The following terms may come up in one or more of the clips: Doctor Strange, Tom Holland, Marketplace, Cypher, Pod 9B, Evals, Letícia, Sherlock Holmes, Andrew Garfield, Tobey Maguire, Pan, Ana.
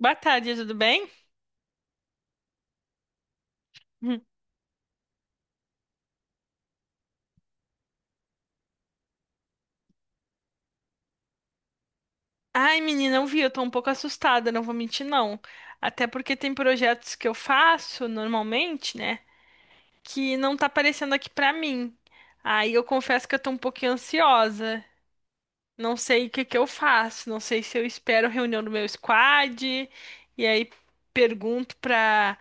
Boa tarde, tudo bem? Hum. Ai, menina, eu vi, eu tô um pouco assustada, não vou mentir, não. Até porque tem projetos que eu faço normalmente, né? Que não tá aparecendo aqui pra mim. Aí eu confesso que eu tô um pouquinho ansiosa. Não sei o que eu faço, não sei se eu espero a reunião do meu squad, e aí pergunto pra,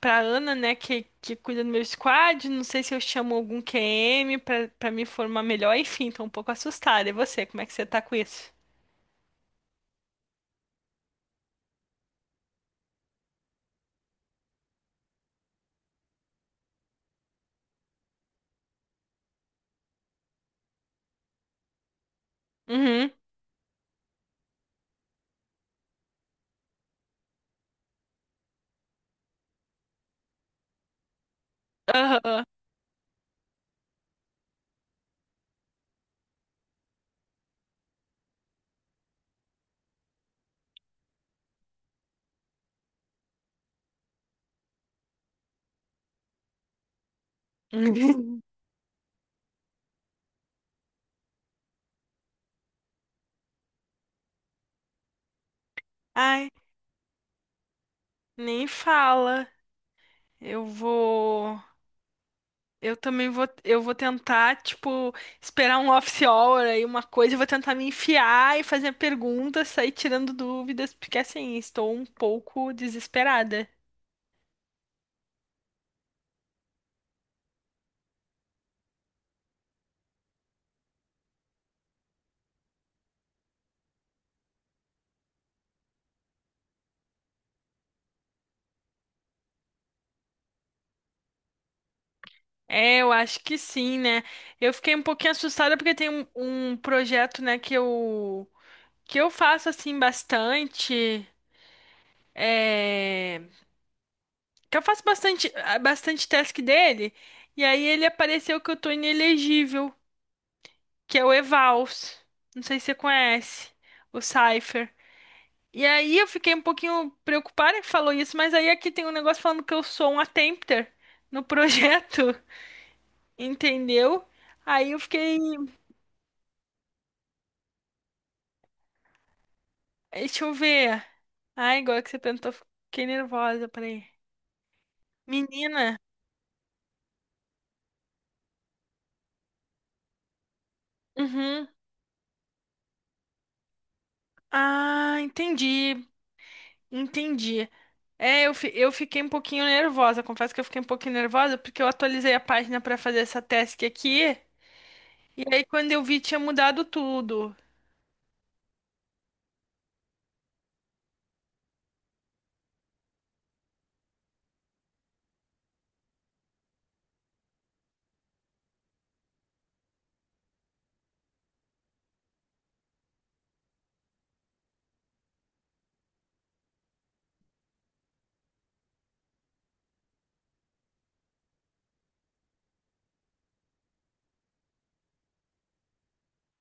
pra Ana, né, que cuida do meu squad, não sei se eu chamo algum QM pra me formar melhor, enfim, tô um pouco assustada. E você, como é que você tá com isso? Uhum. Aham. Ai, nem fala. Eu vou. Eu também vou. Eu vou tentar, tipo, esperar um office hour aí, uma coisa. Eu vou tentar me enfiar e fazer perguntas, sair tirando dúvidas, porque assim, estou um pouco desesperada. É, eu acho que sim, né? Eu fiquei um pouquinho assustada porque tem um projeto, né, que eu faço assim bastante. É... Que eu faço bastante, bastante task dele. E aí ele apareceu que eu tô inelegível, que é o Evals. Não sei se você conhece, o Cypher. E aí eu fiquei um pouquinho preocupada que falou isso, mas aí aqui tem um negócio falando que eu sou um attempter no projeto, entendeu? Aí eu fiquei. Deixa eu ver. Ai, agora que você perguntou, fiquei nervosa, peraí. Menina. Uhum. Ah, entendi. Entendi. É, eu fiquei um pouquinho nervosa. Confesso que eu fiquei um pouquinho nervosa porque eu atualizei a página pra fazer essa task aqui. E aí, quando eu vi, tinha mudado tudo.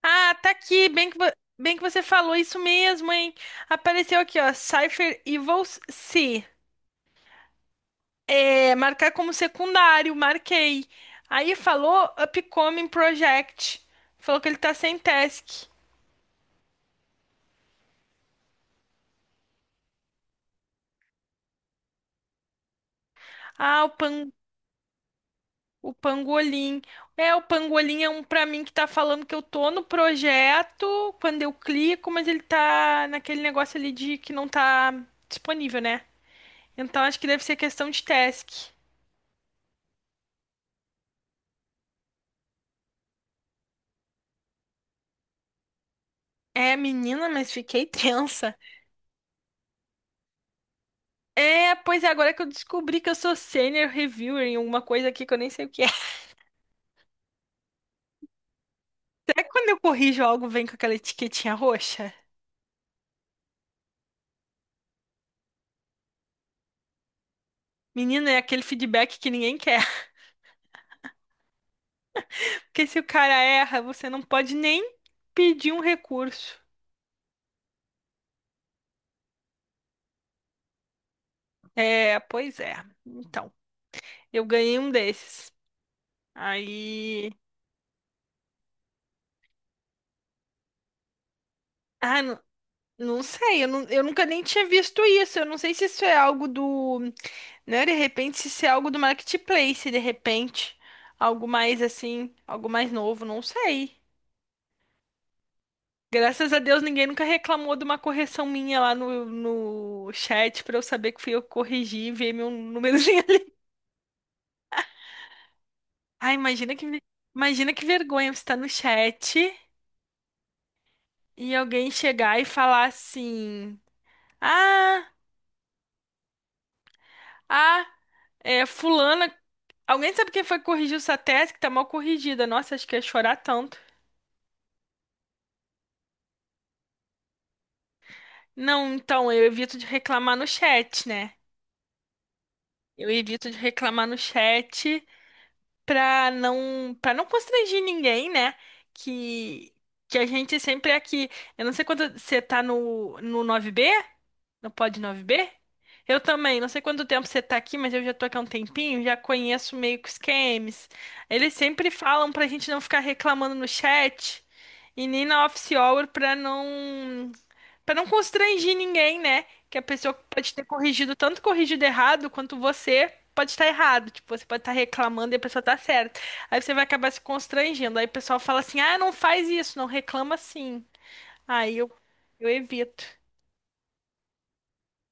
Ah, tá aqui. Bem que você falou isso mesmo, hein? Apareceu aqui, ó. Cypher Evils C. É, marcar como secundário. Marquei. Aí falou Upcoming Project. Falou que ele tá sem task. Ah, o Pan. O pangolim. É, o pangolim é um pra mim que tá falando que eu tô no projeto quando eu clico, mas ele tá naquele negócio ali de que não tá disponível, né? Então acho que deve ser questão de task. É, menina, mas fiquei tensa. É, pois é, agora que eu descobri que eu sou senior reviewer em alguma coisa aqui que eu nem sei o que é. Será que quando eu corrijo algo vem com aquela etiquetinha roxa? Menina, é aquele feedback que ninguém quer. Porque se o cara erra, você não pode nem pedir um recurso. É, pois é. Então, eu ganhei um desses. Aí. Ah, não, eu nunca nem tinha visto isso. Eu não sei se isso é algo do. Né, de repente, se isso é algo do Marketplace, de repente. Algo mais assim, algo mais novo, não sei. Graças a Deus, ninguém nunca reclamou de uma correção minha lá no chat pra eu saber que fui eu que corrigi e ver meu númerozinho ali. Ai, imagina que, Imagina que vergonha, você tá no chat e alguém chegar e falar assim: Ah, ah, é, fulana. Alguém sabe quem foi que corrigiu essa tese que tá mal corrigida? Nossa, acho que ia chorar tanto. Não, então, eu evito de reclamar no chat, né? Eu evito de reclamar no chat pra não constranger ninguém, né? Que, que a gente sempre é aqui. Eu não sei quando você tá no nove b. No Pod 9B? Eu também. Não sei quanto tempo você tá aqui, mas eu já tô aqui há um tempinho, já conheço meio que os games. Eles sempre falam pra gente não ficar reclamando no chat e nem na office hour pra não para não constranger ninguém, né? Que a pessoa pode ter corrigido tanto corrigido errado quanto você pode estar errado. Tipo, você pode estar reclamando e a pessoa tá certa. Aí você vai acabar se constrangendo. Aí o pessoal fala assim: "Ah, não faz isso, não reclama assim". Aí eu evito.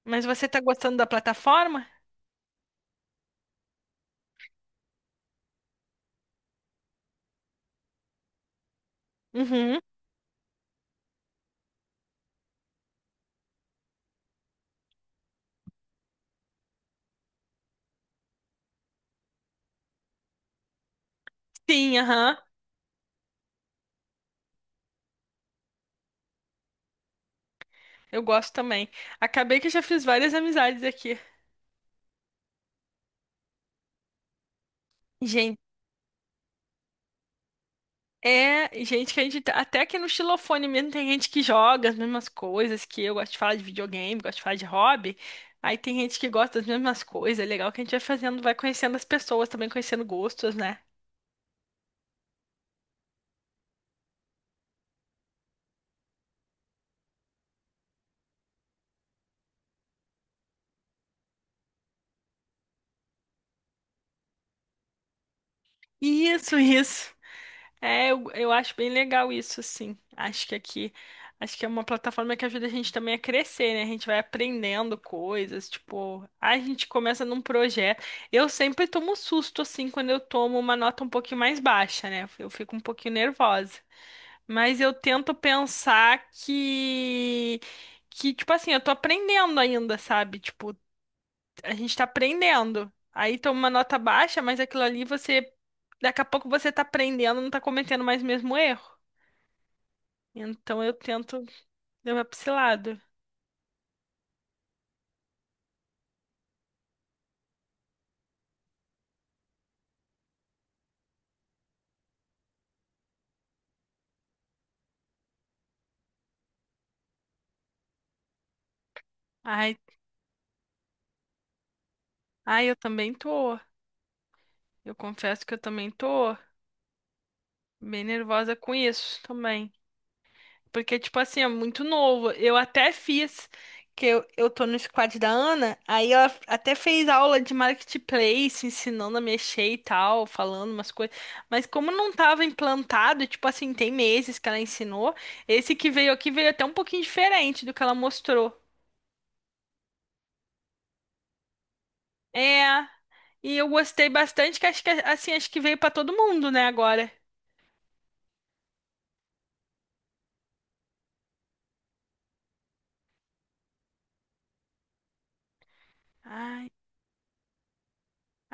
Mas você tá gostando da plataforma? Uhum. Sim, aham. Eu gosto também. Acabei que já fiz várias amizades aqui. Gente, é gente que a gente. Até aqui no xilofone mesmo tem gente que joga as mesmas coisas que eu. Gosto de falar de videogame, gosto de falar de hobby. Aí tem gente que gosta das mesmas coisas. É legal que a gente vai fazendo, vai conhecendo as pessoas, também conhecendo gostos, né? Isso, isso. É, eu acho bem legal isso, assim. Acho que aqui, acho que é uma plataforma que ajuda a gente também a crescer, né? A gente vai aprendendo coisas, tipo, a gente começa num projeto. Eu sempre tomo susto, assim, quando eu tomo uma nota um pouquinho mais baixa, né? Eu fico um pouquinho nervosa. Mas eu tento pensar tipo assim, eu tô aprendendo ainda, sabe? Tipo, a gente tá aprendendo. Aí toma uma nota baixa, mas aquilo ali você. Daqui a pouco você tá aprendendo, não tá cometendo mais o mesmo erro. Então eu tento levar pra esse lado. Ai, eu também tô. Eu confesso que eu também tô bem nervosa com isso também. Porque, tipo assim, é muito novo. Eu até fiz, eu tô no squad da Ana, aí ela até fez aula de marketplace, ensinando a mexer e tal, falando umas coisas. Mas como não tava implantado, tipo assim, tem meses que ela ensinou, esse que veio aqui veio até um pouquinho diferente do que ela mostrou. É, e eu gostei bastante, que acho que, assim, acho que veio pra todo mundo, né, agora. Ai.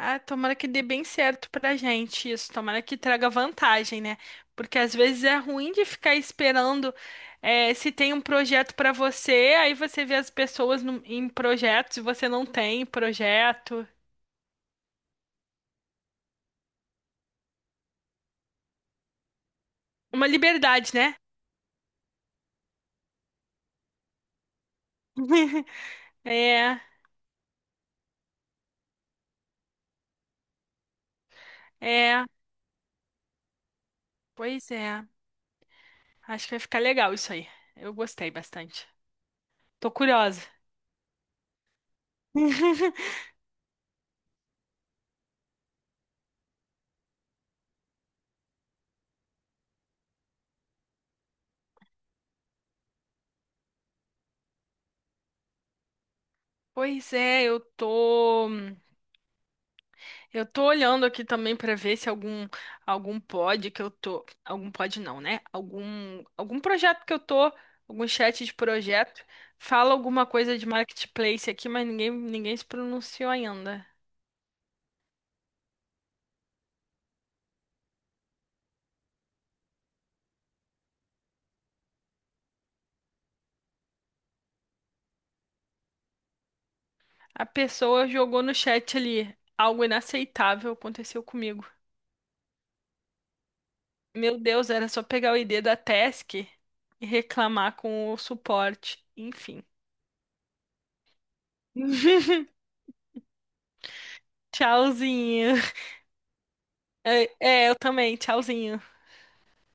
Ah, tomara que dê bem certo pra gente isso, tomara que traga vantagem, né? Porque às vezes é ruim de ficar esperando se tem um projeto pra você, aí você vê as pessoas em projetos e você não tem projeto. Uma liberdade, né? É, é, pois é. Acho que vai ficar legal isso aí. Eu gostei bastante. Tô curiosa. Pois é, eu tô. Eu tô olhando aqui também pra ver se algum pod que eu tô, algum pod não, né? Algum projeto que eu tô, algum chat de projeto fala alguma coisa de marketplace aqui, mas ninguém se pronunciou ainda. A pessoa jogou no chat ali algo inaceitável aconteceu comigo. Meu Deus, era só pegar o ID da task e reclamar com o suporte. Enfim. Tchauzinho. É, é, eu também. Tchauzinho.